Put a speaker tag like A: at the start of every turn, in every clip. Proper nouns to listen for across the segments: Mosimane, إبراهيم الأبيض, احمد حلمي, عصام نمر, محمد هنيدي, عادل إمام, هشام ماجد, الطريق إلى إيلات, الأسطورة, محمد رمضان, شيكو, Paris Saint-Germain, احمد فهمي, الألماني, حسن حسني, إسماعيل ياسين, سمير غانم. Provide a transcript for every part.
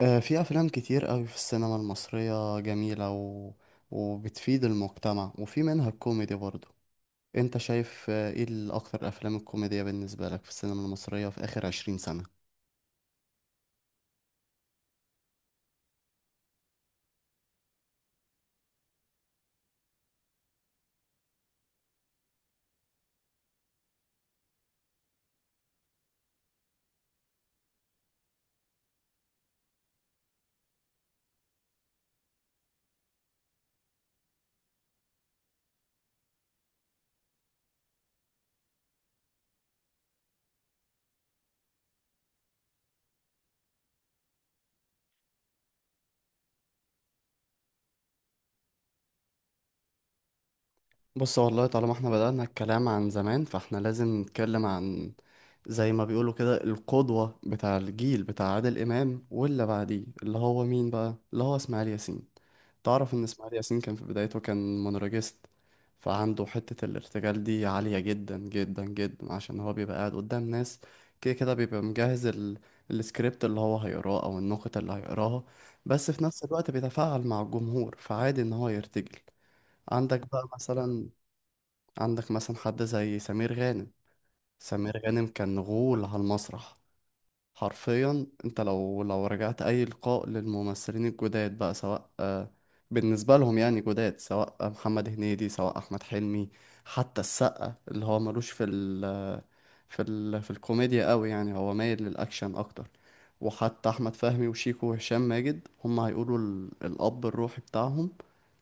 A: آه، في أفلام كتير قوي في السينما المصرية جميلة وبتفيد المجتمع، وفي منها الكوميدي برضو. أنت شايف إيه الأكتر أفلام الكوميدية بالنسبة لك في السينما المصرية في آخر 20 سنة؟ بص والله، طالما احنا بدأنا الكلام عن زمان فاحنا لازم نتكلم عن زي ما بيقولوا كده، القدوة بتاع الجيل بتاع عادل إمام واللي بعديه اللي هو مين بقى؟ اللي هو إسماعيل ياسين. تعرف ان اسماعيل ياسين كان في بدايته كان مونولوجيست، فعنده حتة الارتجال دي عالية جدا جدا جدا، عشان هو بيبقى قاعد قدام ناس. كده كده بيبقى مجهز السكريبت اللي هو هيقراه او النقطة اللي هيقراها، بس في نفس الوقت بيتفاعل مع الجمهور، فعادي ان هو يرتجل. عندك بقى مثلا، عندك مثلا حد زي سمير غانم. سمير غانم كان غول على المسرح. حرفيا انت لو رجعت اي لقاء للممثلين الجداد بقى، سواء بالنسبه لهم يعني جداد، سواء محمد هنيدي سواء احمد حلمي، حتى السقا اللي هو ملوش في ال في الكوميديا قوي، يعني هو مايل للاكشن اكتر. وحتى احمد فهمي وشيكو وهشام ماجد هم هيقولوا الاب الروحي بتاعهم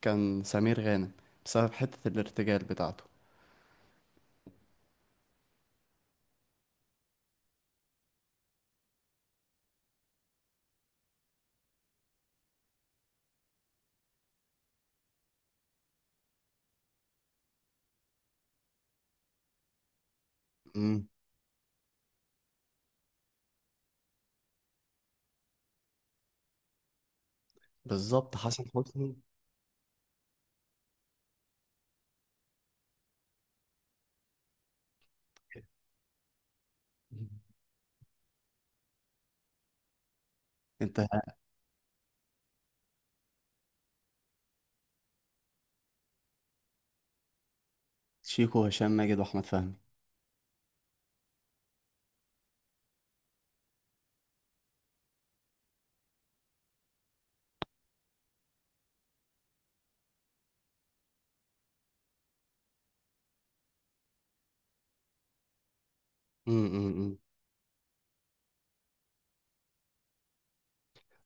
A: كان سمير غانم، بسبب حته الارتجال بتاعته. امم، بالظبط، حسن حسني. انت، شيكو وهشام ماجد واحمد فهمي. أمم.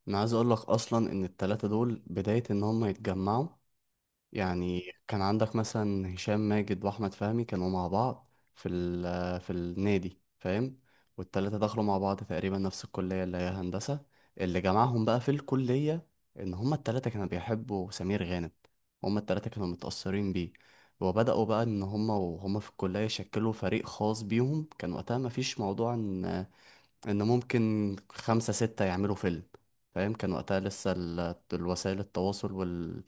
A: انا عايز اقول لك اصلا ان التلاتة دول بداية ان هم يتجمعوا، يعني كان عندك مثلا هشام ماجد واحمد فهمي كانوا مع بعض في ال النادي، فاهم؟ والتلاتة دخلوا مع بعض تقريبا نفس الكلية اللي هي هندسة. اللي جمعهم بقى في الكلية ان هم التلاتة كانوا بيحبوا سمير غانم، هم التلاتة كانوا متأثرين بيه، وبدأوا بقى ان هم وهم في الكلية يشكلوا فريق خاص بيهم. كان وقتها مفيش موضوع ان ان ممكن 5 أو 6 يعملوا فيلم، فاهم؟ كان وقتها لسه الوسائل التواصل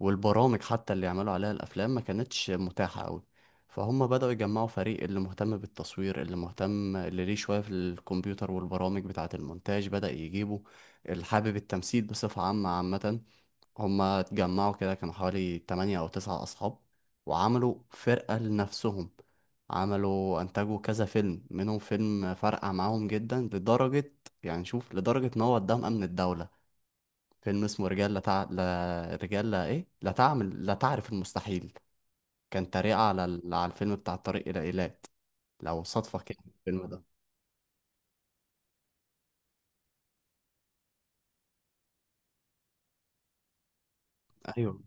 A: والبرامج حتى اللي يعملوا عليها الافلام ما كانتش متاحة قوي. فهم بدأوا يجمعوا فريق، اللي مهتم بالتصوير، اللي مهتم، اللي ليه شوية في الكمبيوتر والبرامج بتاعة المونتاج بدأ يجيبه، اللي حابب التمثيل بصفة عامة عامة. هما اتجمعوا كده كانوا حوالي 8 أو 9 أصحاب، وعملوا فرقة لنفسهم. عملوا، أنتجوا كذا فيلم، منهم فيلم فرقع معاهم جدا لدرجة، يعني شوف، لدرجة إن هو قدام أمن الدولة. فيلم اسمه رجال لا رجال لا تعمل لا تعرف المستحيل. كان تريقة على على الفيلم بتاع الطريق إلى إيلات. لو صدفة كده، الفيلم ده. أيوه.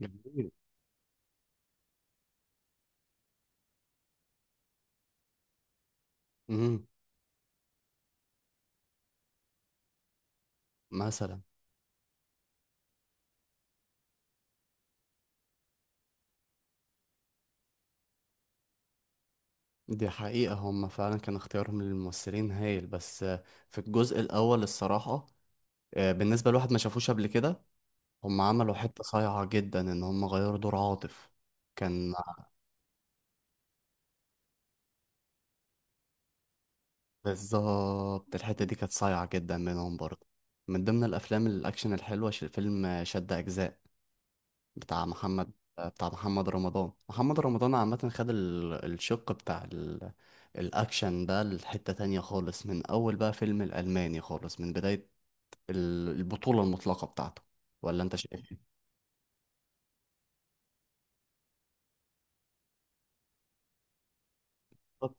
A: جميل. مم. مثلا. دي حقيقة هم فعلا كان اختيارهم للممثلين هايل، بس في الجزء الأول الصراحة، بالنسبة لواحد ما شافوش قبل كده، هم عملوا حتة صايعة جدا إن هم غيروا دور عاطف. كان، بالظبط الحتة دي كانت صايعة جدا منهم برضه. من ضمن الأفلام الأكشن الحلوة فيلم شد أجزاء بتاع محمد، بتاع محمد رمضان. محمد رمضان عامة خد الشق بتاع الأكشن ده لحتة تانية خالص، من أول بقى فيلم الألماني، خالص من بداية البطولة المطلقة بتاعته. ولا انت شايف ايه؟ بالظبط.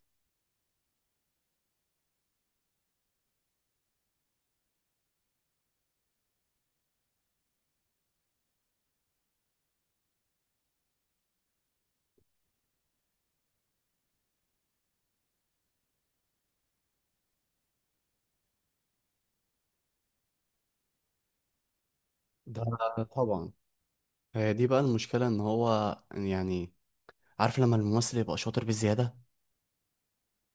A: ده طبعا، هي دي بقى المشكلة ان هو، يعني، عارف لما الممثل يبقى شاطر بزيادة؟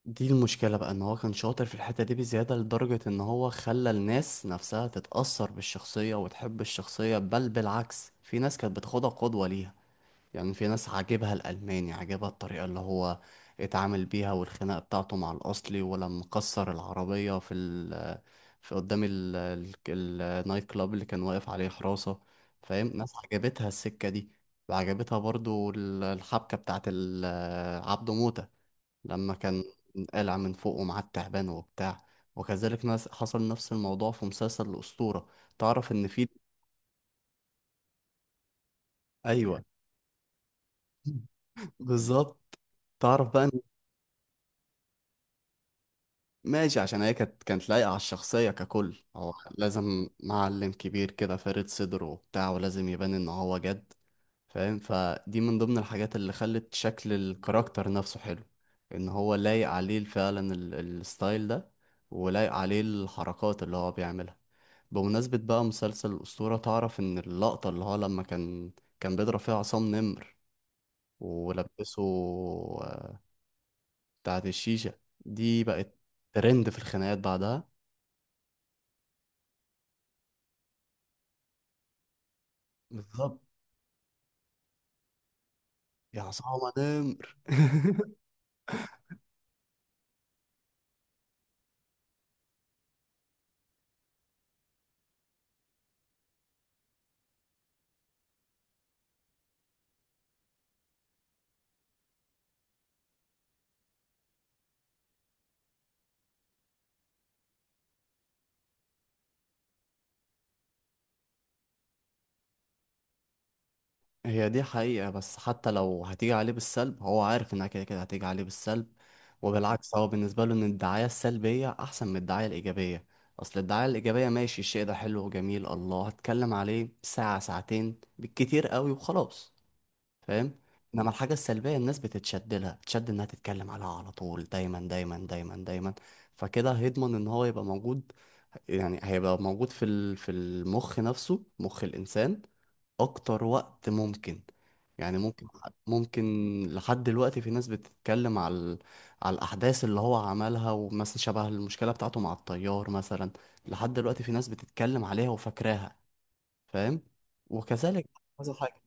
A: دي المشكلة بقى، ان هو كان شاطر في الحتة دي بزيادة لدرجة ان هو خلى الناس نفسها تتأثر بالشخصية وتحب الشخصية، بل بالعكس في ناس كانت بتاخدها قدوة ليها. يعني في ناس عاجبها الألماني، عاجبها الطريقة اللي هو اتعامل بيها والخناقة بتاعته مع الأصلي، ولما كسر العربية في ال، في قدام النايت كلاب اللي كان واقف عليه حراسة. فاهم؟ ناس عجبتها السكة دي، وعجبتها برضو الحبكة بتاعت عبده موتة لما كان قلع من فوقه مع التعبان وبتاع. وكذلك ناس، حصل نفس الموضوع في مسلسل الأسطورة. تعرف إن في، أيوه، بالظبط. تعرف بقى، ماشي، عشان هي كانت، كانت لايقة على الشخصية. ككل هو لازم معلم كبير كده فارد صدره وبتاع، ولازم يبان ان هو جد. فاهم؟ فدي من ضمن الحاجات اللي خلت شكل الكاركتر نفسه حلو، ان هو لايق عليه فعلا الستايل ده، ولايق عليه الحركات اللي هو بيعملها. بمناسبة بقى مسلسل الأسطورة، تعرف ان اللقطة اللي هو لما كان بيضرب فيها عصام نمر ولبسه بتاعة الشيشة، دي بقت ترند في الخناقات بعدها. بالظبط. يا عصام نمر هي دي حقيقة، بس حتى لو هتيجي عليه بالسلب، هو عارف انها كده كده هتيجي عليه بالسلب، وبالعكس هو بالنسبة له ان الدعاية السلبية احسن من الدعاية الايجابية. اصل الدعاية الايجابية، ماشي الشيء ده حلو وجميل، الله، هتكلم عليه ساعة ساعتين بالكتير قوي وخلاص. فاهم؟ انما الحاجة السلبية الناس بتتشد لها، تشد انها تتكلم عليها على طول دايما دايما دايما دايما، فكده هيضمن ان هو يبقى موجود. يعني هيبقى موجود في في المخ نفسه، مخ الإنسان، أكتر وقت ممكن. يعني ممكن، ممكن لحد دلوقتي في ناس بتتكلم على على الأحداث اللي هو عملها، ومثلا شبه المشكلة بتاعته مع الطيار مثلا. لحد دلوقتي في ناس بتتكلم عليها وفاكراها. فاهم؟ وكذلك، كذا حاجة.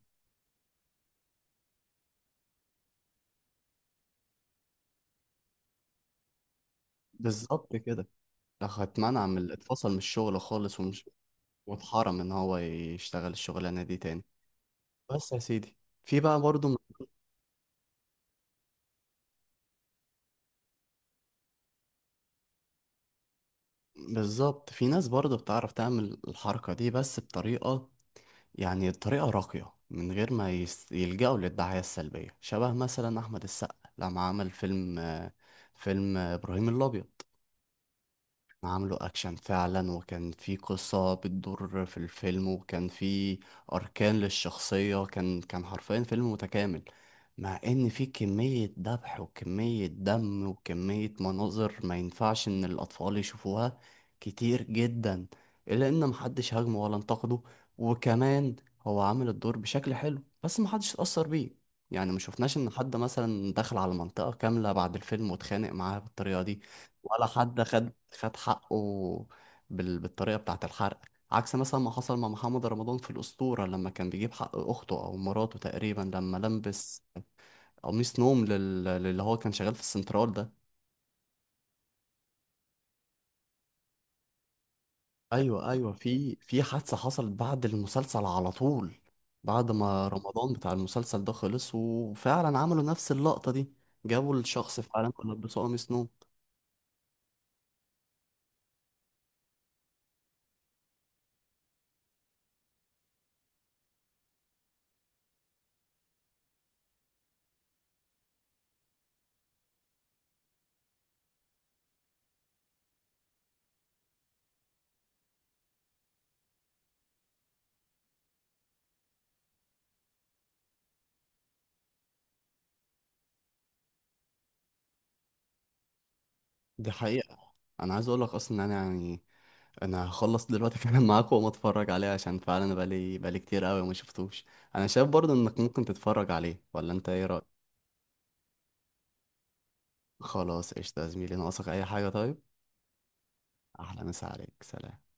A: بالظبط كده. لو هتمنع، من اتفصل من الشغل خالص ومش، واتحرم ان هو يشتغل الشغلانة دي تاني. بس يا سيدي، في بقى برضه، بالظبط، في ناس برضه بتعرف تعمل الحركة دي بس بطريقة، يعني طريقة راقية، من غير ما يلجأوا للدعاية السلبية. شبه مثلا أحمد السقا لما عمل فيلم فيلم إبراهيم الأبيض. عامله اكشن فعلا، وكان في قصة بتدور في الفيلم، وكان في اركان للشخصية. كان حرفيا فيلم متكامل، مع ان في كمية ذبح وكمية دم وكمية مناظر ما ينفعش ان الاطفال يشوفوها كتير جدا، الا ان محدش هاجمه ولا انتقده. وكمان هو عامل الدور بشكل حلو، بس محدش اتأثر بيه، يعني ما شفناش ان حد مثلا دخل على منطقة كاملة بعد الفيلم واتخانق معاها بالطريقة دي، ولا حد خد حقه بالطريقة بتاعة الحرق. عكس مثلا ما حصل مع محمد رمضان في الأسطورة، لما كان بيجيب حق أخته أو مراته تقريبا، لما لبس قميص نوم للي هو كان شغال في السنترال ده. أيوة أيوة، في حادثة حصلت بعد المسلسل على طول، بعد ما رمضان بتاع المسلسل ده خلص، وفعلا عملوا نفس اللقطة دي، جابوا الشخص فعلا ولبسوه قميص نوم. دي حقيقة. أنا عايز أقول لك أصلا إن أنا، يعني، انا هخلص دلوقتي فعلا معاك وما اتفرج عليه، عشان فعلا انا بقالي كتير قوي وما شفتوش. انا شايف برضه انك ممكن تتفرج عليه، ولا انت ايه رايك؟ خلاص قشطه يا زميلي، ناقصك اي حاجه طيب؟ احلى مسا عليك، سلام.